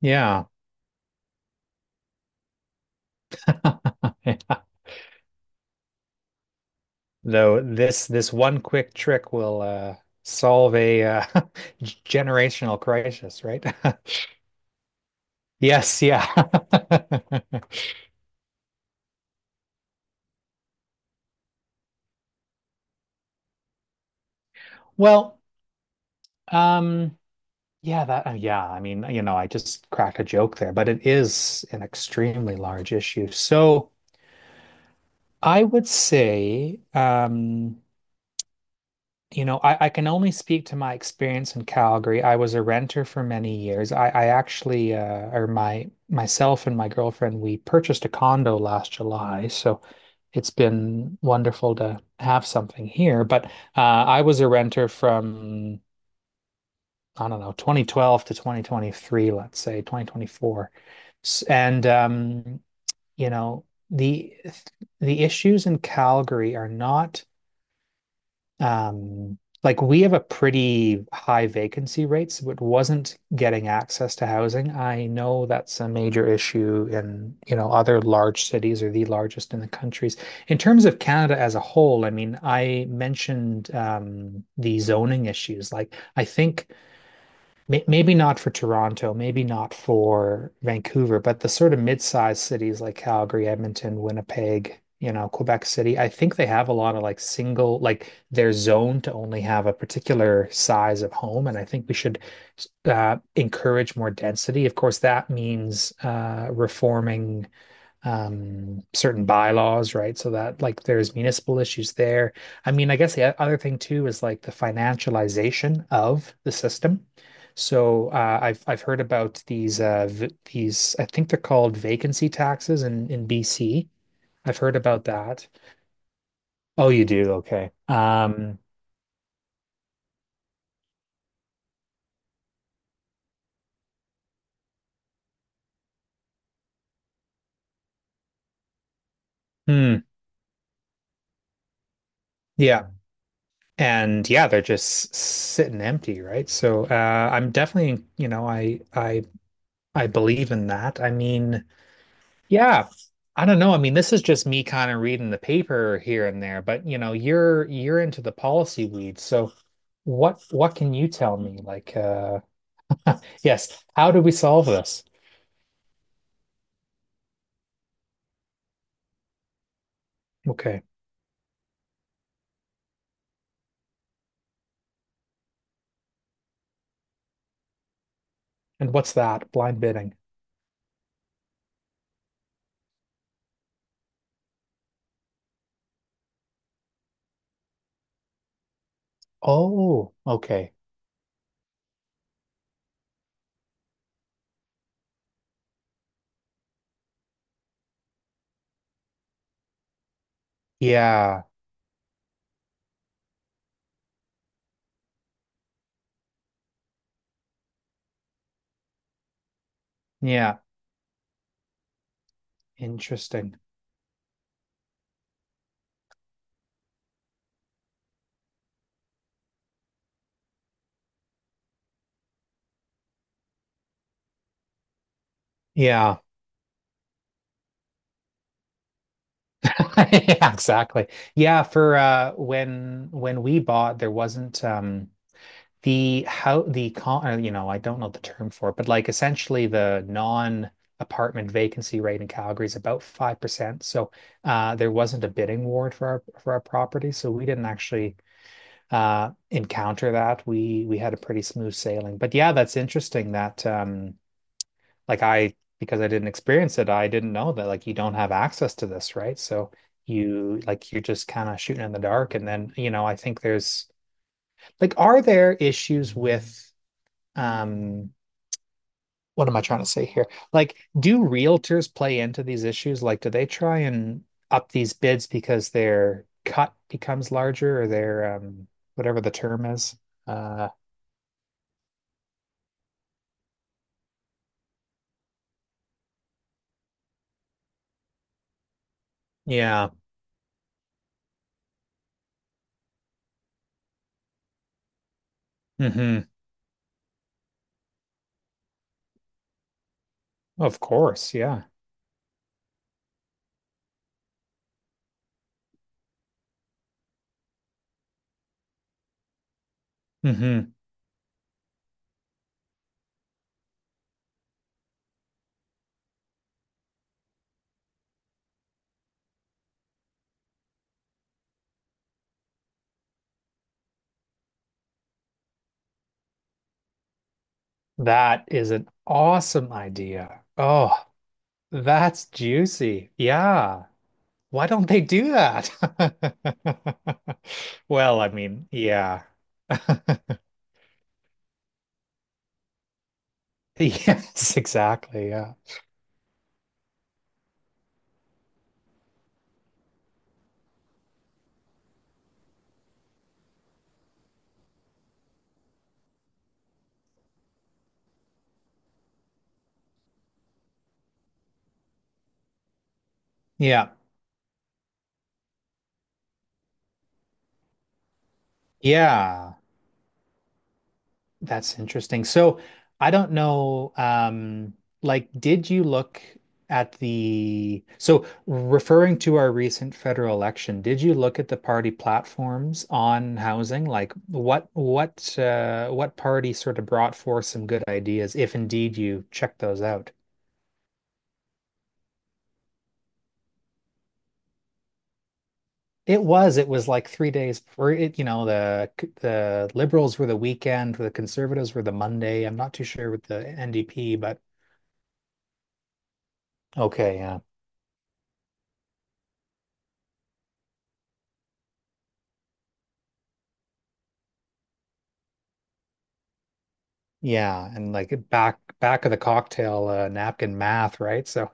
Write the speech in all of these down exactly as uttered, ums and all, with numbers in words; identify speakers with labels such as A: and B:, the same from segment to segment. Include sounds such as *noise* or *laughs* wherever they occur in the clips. A: Yeah. *laughs* Yeah. Though this this one quick trick will uh solve a uh, *laughs* generational crisis, right? *laughs* Yes, yeah. *laughs* Well, um yeah, that uh, yeah, I mean, you know, I just cracked a joke there, but it is an extremely large issue. So, I would say um you know, I, I can only speak to my experience in Calgary. I was a renter for many years. I, I actually, uh, or my myself and my girlfriend, we purchased a condo last July. So it's been wonderful to have something here. But uh, I was a renter from, I don't know, twenty twelve to twenty twenty-three, let's say twenty twenty-four. S- And, um, you know, the the issues in Calgary are not um, like we have a pretty high vacancy rates, but wasn't getting access to housing. I know that's a major issue in, you know, other large cities or the largest in the countries. In terms of Canada as a whole, I mean, I mentioned um, the zoning issues. Like, I think May- Maybe not for Toronto, maybe not for Vancouver, but the sort of mid-sized cities like Calgary, Edmonton, Winnipeg, you know, Quebec City, I think they have a lot of like single, like they're zoned to only have a particular size of home. And I think we should uh, encourage more density. Of course, that means uh, reforming um certain bylaws, right? So that like there's municipal issues there. I mean, I guess the other thing too is like the financialization of the system. So uh, i've i've heard about these uh v these, I think they're called vacancy taxes in in B C. I've heard about that. Oh, you do. Okay. um hmm yeah. And yeah, they're just sitting empty, right? So uh I'm definitely, you know, i i I believe in that. I mean, yeah. I don't know. I mean, this is just me kind of reading the paper here and there, but you know, you're you're into the policy weeds. So what what can you tell me? Like, uh yes, how do we solve this? Okay. And what's that? Blind bidding. Oh, okay. Yeah. Yeah. Interesting. Yeah. *laughs* Yeah, exactly. Yeah, for uh when when we bought there wasn't um the, how the con uh, you know, I don't know the term for it, but like essentially the non apartment vacancy rate in Calgary is about five percent. So uh, there wasn't a bidding war for our for our property, so we didn't actually uh, encounter that. We we had a pretty smooth sailing. But yeah, that's interesting that um, like I, because I didn't experience it, I didn't know that like you don't have access to this, right? So you, like you're just kind of shooting in the dark, and then you know I think there's like, are there issues with um what am I trying to say here? Like, do realtors play into these issues? Like, do they try and up these bids because their cut becomes larger or their um whatever the term is? Uh yeah. Hmm. Of course, yeah. Hmm. That is an awesome idea. Oh, that's juicy. Yeah. Why don't they do that? *laughs* Well, I mean, yeah. *laughs* Yes, exactly. Yeah. Yeah. Yeah. That's interesting. So I don't know, um, like, did you look at the, so referring to our recent federal election, did you look at the party platforms on housing? Like what, what, uh, what party sort of brought forth some good ideas, if indeed you checked those out? It was, it was like three days for it, you know, the the Liberals were the weekend, the Conservatives were the Monday. I'm not too sure with the N D P, but okay, yeah. Yeah, and like back back of the cocktail uh, napkin math, right? So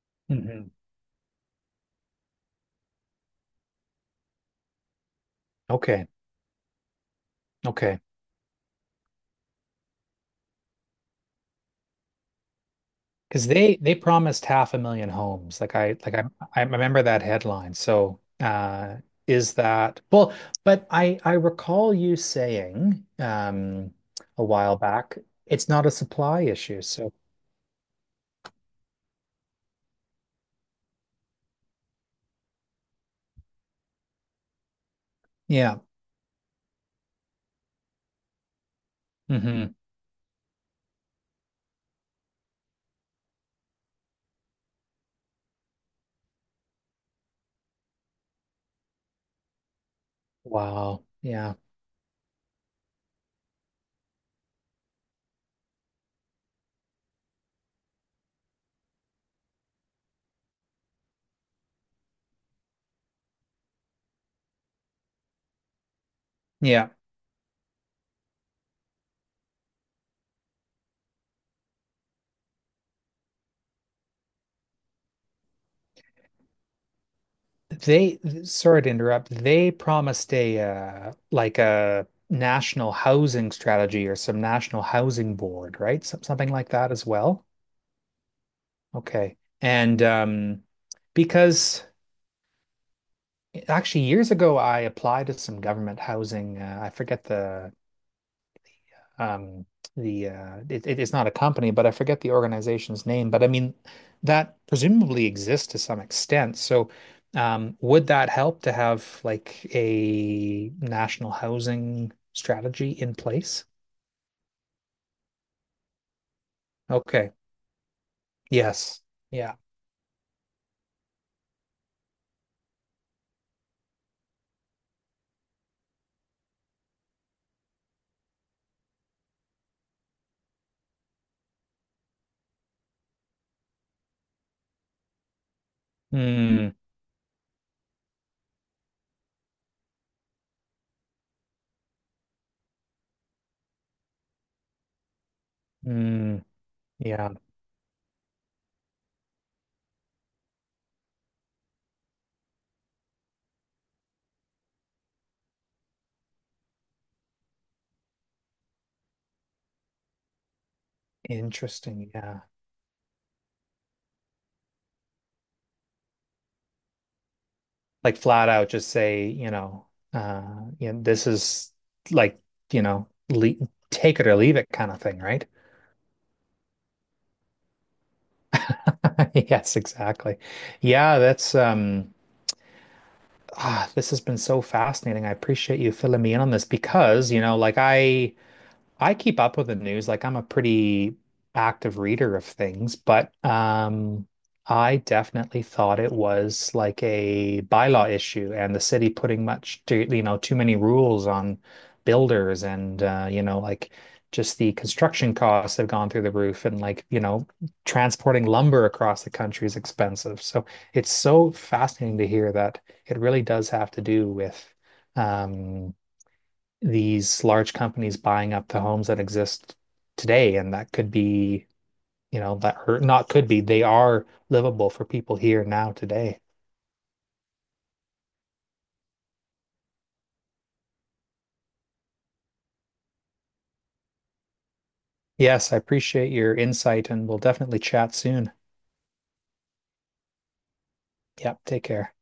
A: *laughs* Mhm. Okay, okay, because they they promised half a million homes. Like I, like I I remember that headline. So uh, is that well? But I I recall you saying um, a while back, it's not a supply issue. So yeah. Hmm. Wow, yeah, yeah. They, sorry to interrupt, they promised a uh, like a national housing strategy or some national housing board, right? Some, something like that as well. Okay. And um, because actually years ago I applied to some government housing, uh, I forget the um the uh it, it- it's not a company, but I forget the organization's name, but I mean that presumably exists to some extent. So um would that help to have like a national housing strategy in place? Okay. Yes. Yeah. Hmm. Hmm. Yeah, interesting, yeah. Like flat out just say, you know, uh you know, this is, like, you know, le take it or leave it kind of thing, right? *laughs* Yes, exactly. Yeah, that's um ah, this has been so fascinating. I appreciate you filling me in on this because, you know, like I I keep up with the news. Like I'm a pretty active reader of things, but um, I definitely thought it was like a bylaw issue and the city putting much too, you know, too many rules on builders and uh, you know, like just the construction costs have gone through the roof and like, you know, transporting lumber across the country is expensive. So it's so fascinating to hear that it really does have to do with um these large companies buying up the homes that exist today, and that could be, you know, that hurt not could be, they are livable for people here now today. Yes, I appreciate your insight, and we'll definitely chat soon. Yep, take care.